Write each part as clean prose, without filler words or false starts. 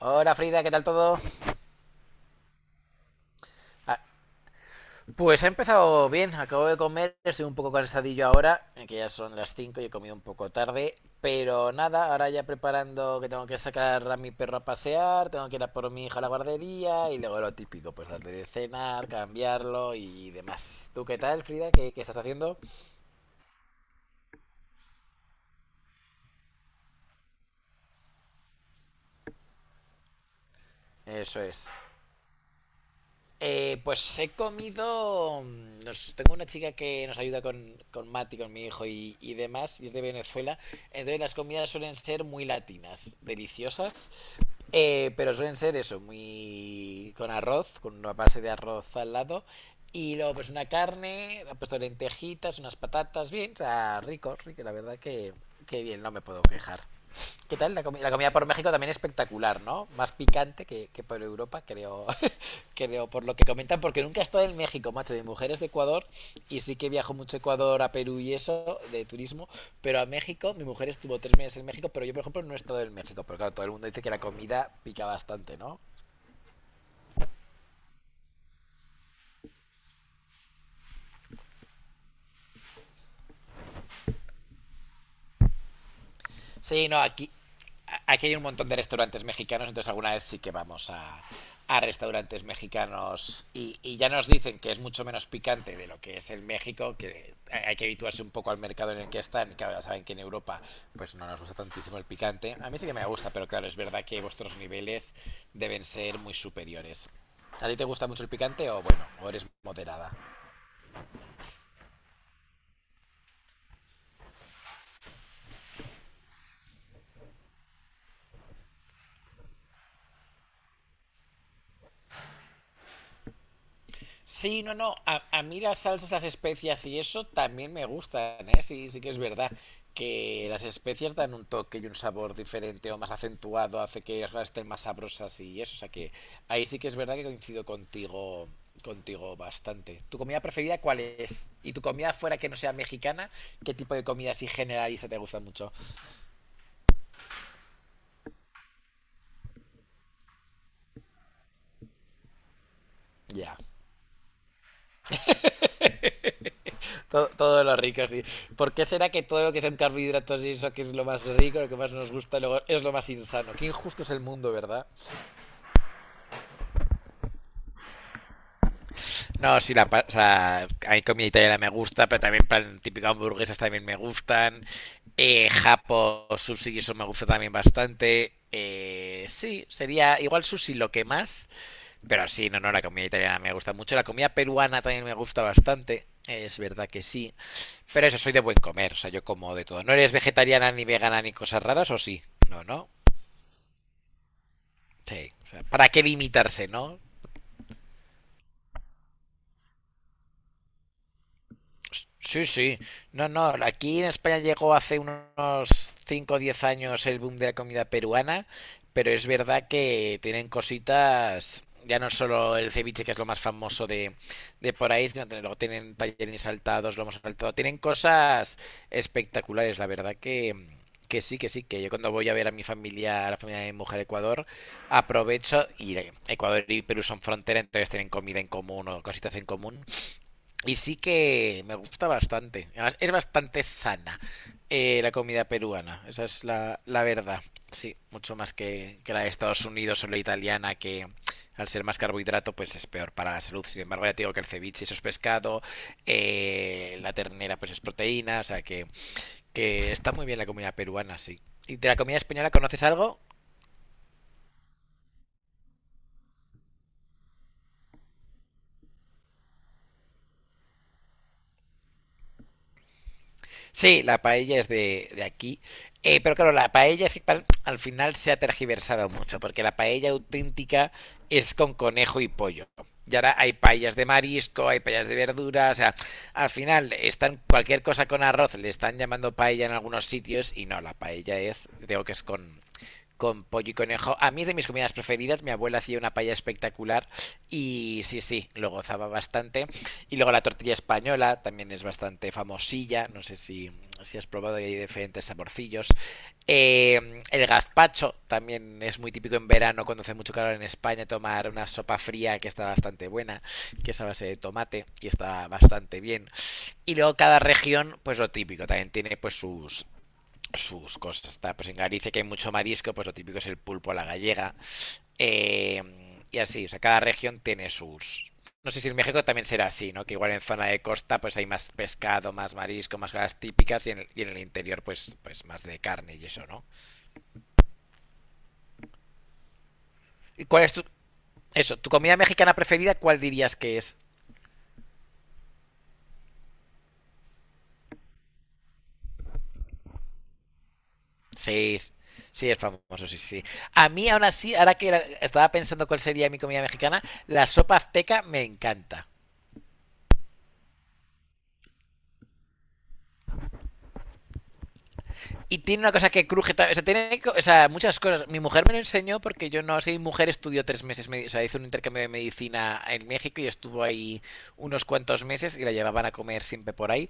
Hola, Frida, ¿qué tal todo? Ah, Pues he empezado bien, acabo de comer, estoy un poco cansadillo ahora, que ya son las 5 y he comido un poco tarde, pero nada, ahora ya preparando que tengo que sacar a mi perro a pasear, tengo que ir a por mi hija a la guardería y luego lo típico, pues darle de cenar, cambiarlo y demás. ¿Tú qué tal, Frida? ¿Qué estás haciendo? Eso es. Pues he comido. Nos, tengo una chica que nos ayuda con Mati, con mi hijo y demás, y es de Venezuela. Entonces las comidas suelen ser muy latinas, deliciosas, pero suelen ser eso, muy con arroz, con una base de arroz al lado, y luego pues una carne, ha puesto lentejitas, unas patatas, bien, o sea, rico, rico, la verdad que bien, no me puedo quejar. ¿Qué tal? La comida por México también espectacular, ¿no? Más picante que por Europa, creo, creo, por lo que comentan, porque nunca he estado en México, macho. Mi mujer es de Ecuador y sí que viajo mucho a Ecuador, a Perú y eso, de turismo, pero a México, mi mujer estuvo 3 meses en México, pero yo, por ejemplo, no he estado en México, pero claro, todo el mundo dice que la comida pica bastante, ¿no? Sí, no, aquí hay un montón de restaurantes mexicanos, entonces alguna vez sí que vamos a restaurantes mexicanos y ya nos dicen que es mucho menos picante de lo que es en México, que hay que habituarse un poco al mercado en el que están, y claro, ya saben que en Europa pues no nos gusta tantísimo el picante. A mí sí que me gusta, pero claro, es verdad que vuestros niveles deben ser muy superiores. ¿A ti te gusta mucho el picante o bueno, o eres moderada? Sí, no, no. A mí las salsas, las especias y eso también me gustan, ¿eh? Sí, sí que es verdad que las especias dan un toque y un sabor diferente o más acentuado, hace que las cosas estén más sabrosas y eso. O sea que ahí sí que es verdad que coincido contigo, contigo bastante. ¿Tu comida preferida cuál es? ¿Y tu comida fuera que no sea mexicana? ¿Qué tipo de comida así generalista te gusta mucho? Ya. Todo, todo lo rico, sí. ¿Por qué será que todo lo que sean carbohidratos y eso que es lo más rico, lo que más nos gusta, luego es lo más insano? Qué injusto es el mundo, ¿verdad? No, sí, o sea, a mí comida italiana me gusta, pero también plan típico hamburguesas también me gustan. Japo, sushi, eso me gusta también bastante. Sí, sería igual sushi lo que más, pero sí, no, no, la comida italiana me gusta mucho. La comida peruana también me gusta bastante, es verdad que sí. Pero eso, soy de buen comer, o sea, yo como de todo. ¿No eres vegetariana ni vegana ni cosas raras o sí? No, no. Sí, o sea, ¿para qué limitarse, no? Sí, sí. No, no, aquí en España llegó hace unos 5, o 10 años el boom de la comida peruana, pero es verdad que tienen cositas, ya no solo el ceviche, que es lo más famoso de por ahí, sino que luego tienen tallerines saltados, hemos saltado, tienen cosas espectaculares, la verdad que sí, que sí, que yo cuando voy a ver a mi familia, a la familia de mi mujer a Ecuador, aprovecho y Ecuador y Perú son frontera, entonces tienen comida en común o cositas en común y sí que me gusta bastante. Además, es bastante sana, la comida peruana. Esa es la, la verdad. Sí, mucho más que la de Estados Unidos o la italiana, que al ser más carbohidrato, pues es peor para la salud. Sin embargo, ya te digo que el ceviche eso es pescado, la ternera pues es proteína. O sea que está muy bien la comida peruana, sí. ¿Y de la comida española conoces algo? Sí, la paella es de aquí. Pero claro, la paella es que al final se ha tergiversado mucho, porque la paella auténtica es con conejo y pollo. Y ahora hay paellas de marisco, hay paellas de verduras, o sea, al final están cualquier cosa con arroz, le están llamando paella en algunos sitios y no, la paella es, digo que es con pollo y conejo. A mí es de mis comidas preferidas. Mi abuela hacía una paella espectacular y sí, sí, lo gozaba bastante. Y luego la tortilla española también es bastante famosilla. No sé si, si has probado, hay diferentes saborcillos. El gazpacho también es muy típico en verano cuando hace mucho calor en España tomar una sopa fría que está bastante buena, que es a base de tomate y está bastante bien. Y luego cada región, pues lo típico, también tiene pues sus cosas. Está, pues en Galicia que hay mucho marisco, pues lo típico es el pulpo a la gallega. Eh, y así, o sea, cada región tiene sus... No sé si en México también será así, ¿no? Que igual en zona de costa pues hay más pescado, más marisco, más cosas típicas y en el interior pues, pues más de carne y eso, ¿no? ¿Y cuál es tu... Eso, tu comida mexicana preferida, ¿cuál dirías que es? Sí, sí, es famoso, sí, sí. A mí aún así, ahora que estaba pensando cuál sería mi comida mexicana, la sopa azteca me encanta. Y tiene una cosa que cruje. O sea, tiene, o sea, muchas cosas. Mi mujer me lo enseñó porque yo no sé. Mi mujer estudió 3 meses. O sea, hizo un intercambio de medicina en México y estuvo ahí unos cuantos meses y la llevaban a comer siempre por ahí.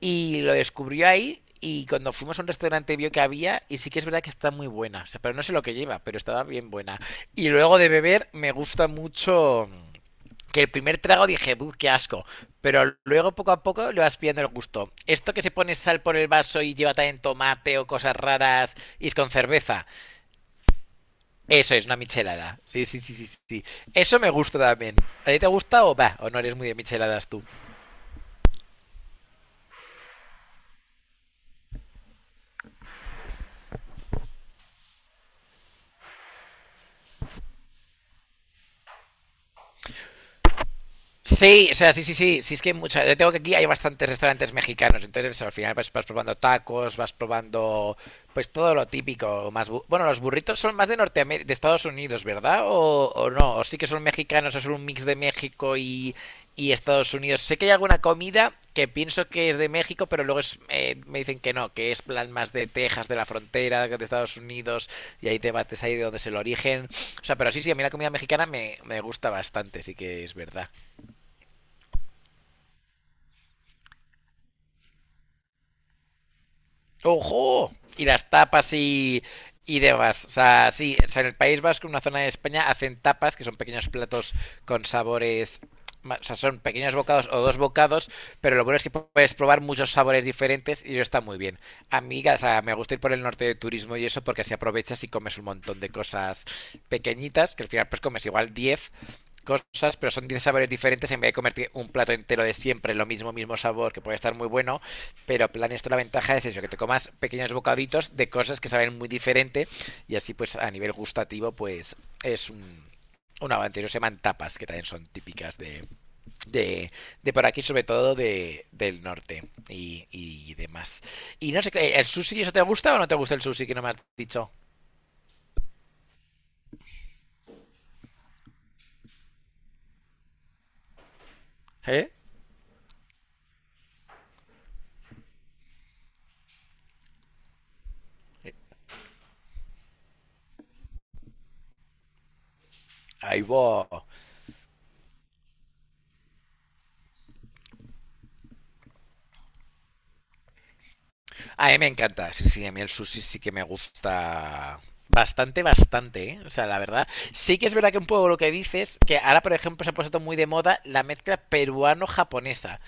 Y lo descubrió ahí y cuando fuimos a un restaurante vio que había y sí que es verdad que está muy buena. O sea, pero no sé lo que lleva, pero estaba bien buena. Y luego de beber me gusta mucho que el primer trago dije, "Buh, qué asco." Pero luego poco a poco le vas pillando el gusto. Esto que se pone sal por el vaso y lleva también tomate o cosas raras y es con cerveza. Eso es una michelada. Sí, sí, sí, sí, sí. Eso me gusta también. ¿A ti te gusta o va? ¿O no eres muy de micheladas tú? Sí, o sea, sí, sí, sí, sí, es que hay mucha, yo tengo que aquí hay bastantes restaurantes mexicanos, entonces al final vas, vas probando tacos, vas probando pues todo lo típico, más bueno, los burritos son más de Norteamérica, de Estados Unidos, ¿verdad? O no, o sí que son mexicanos, o son un mix de México y Estados Unidos. Sé que hay alguna comida que pienso que es de México, pero luego es, me dicen que no, que es plan más de Texas, de la frontera, de Estados Unidos, y hay debates ahí de dónde es el origen. O sea, pero sí, sí, a mí la comida mexicana me gusta bastante, sí que es verdad. ¡Ojo! Y las tapas y demás. O sea, sí, o sea, en el País Vasco, en una zona de España, hacen tapas, que son pequeños platos con sabores. O sea, son pequeños bocados o dos bocados, pero lo bueno es que puedes probar muchos sabores diferentes y eso está muy bien. Amiga, o sea, me gusta ir por el norte de turismo y eso porque así aprovechas y comes un montón de cosas pequeñitas, que al final pues comes igual 10 cosas, pero son 10 sabores diferentes en vez de comerte un plato entero de siempre, lo mismo, mismo sabor, que puede estar muy bueno, pero plan esto la ventaja es eso, que te comas pequeños bocaditos de cosas que saben muy diferente y así pues a nivel gustativo pues es un avance. No se llaman tapas, que también son típicas de, de por aquí, sobre todo de, del norte y demás. Y no sé, ¿el sushi eso te gusta o no te gusta el sushi que no me has dicho? ¿Eh? Ahí va. A mí me encanta, sí, sí, a mí el sushi sí que me gusta bastante, bastante, ¿eh? O sea, la verdad, sí que es verdad que un poco lo que dices, que ahora, por ejemplo, se ha puesto muy de moda la mezcla peruano-japonesa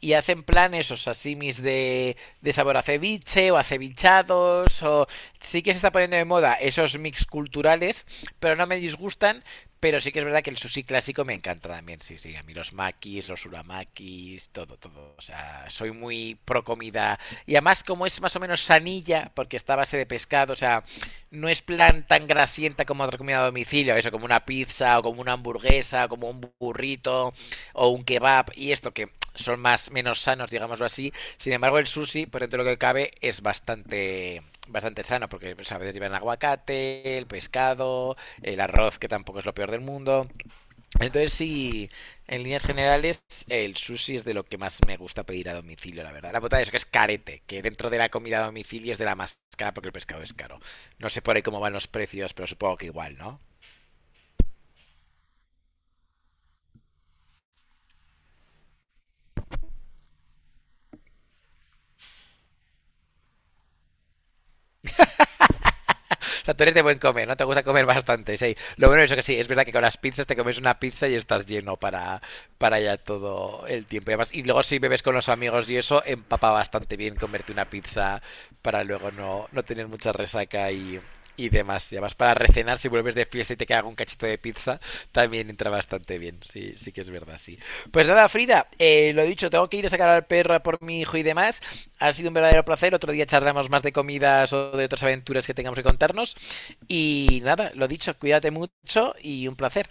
y hacen planes o sasimis de sabor a ceviche o a cevichados o sí que se está poniendo de moda esos mix culturales, pero no me disgustan, pero sí que es verdad que el sushi clásico me encanta también, sí, sí, a mí los makis, los uramakis, todo, todo, o sea, soy muy pro comida y además como es más o menos sanilla, porque está a base de pescado, o sea, no es plan tan grasienta como otra comida a domicilio, eso, como una pizza o como una hamburguesa o como un burrito, o un kebab y esto que son más menos sanos, digámoslo así. Sin embargo, el sushi, por dentro de lo que cabe, es bastante bastante sano porque pues, a veces llevan aguacate, el pescado, el arroz que tampoco es lo peor del mundo. Entonces sí, en líneas generales el sushi es de lo que más me gusta pedir a domicilio, la verdad. La putada es que es carete, que dentro de la comida a domicilio es de la más cara porque el pescado es caro. No sé por ahí cómo van los precios, pero supongo que igual, ¿no? O sea, tú eres de buen comer, ¿no? Te gusta comer bastante, sí. Lo bueno es que sí, es verdad que con las pizzas te comes una pizza y estás lleno para ya todo el tiempo. Y, además, y luego si bebes con los amigos y eso, empapa bastante bien comerte una pizza para luego no, no tener mucha resaca y demás. Y además para recenar, si vuelves de fiesta y te queda un cachito de pizza, también entra bastante bien. Sí, sí que es verdad, sí. Pues nada, Frida, lo dicho, tengo que ir a sacar al perro por mi hijo y demás. Ha sido un verdadero placer. Otro día charlamos más de comidas o de otras aventuras que tengamos que contarnos. Y nada, lo dicho, cuídate mucho y un placer.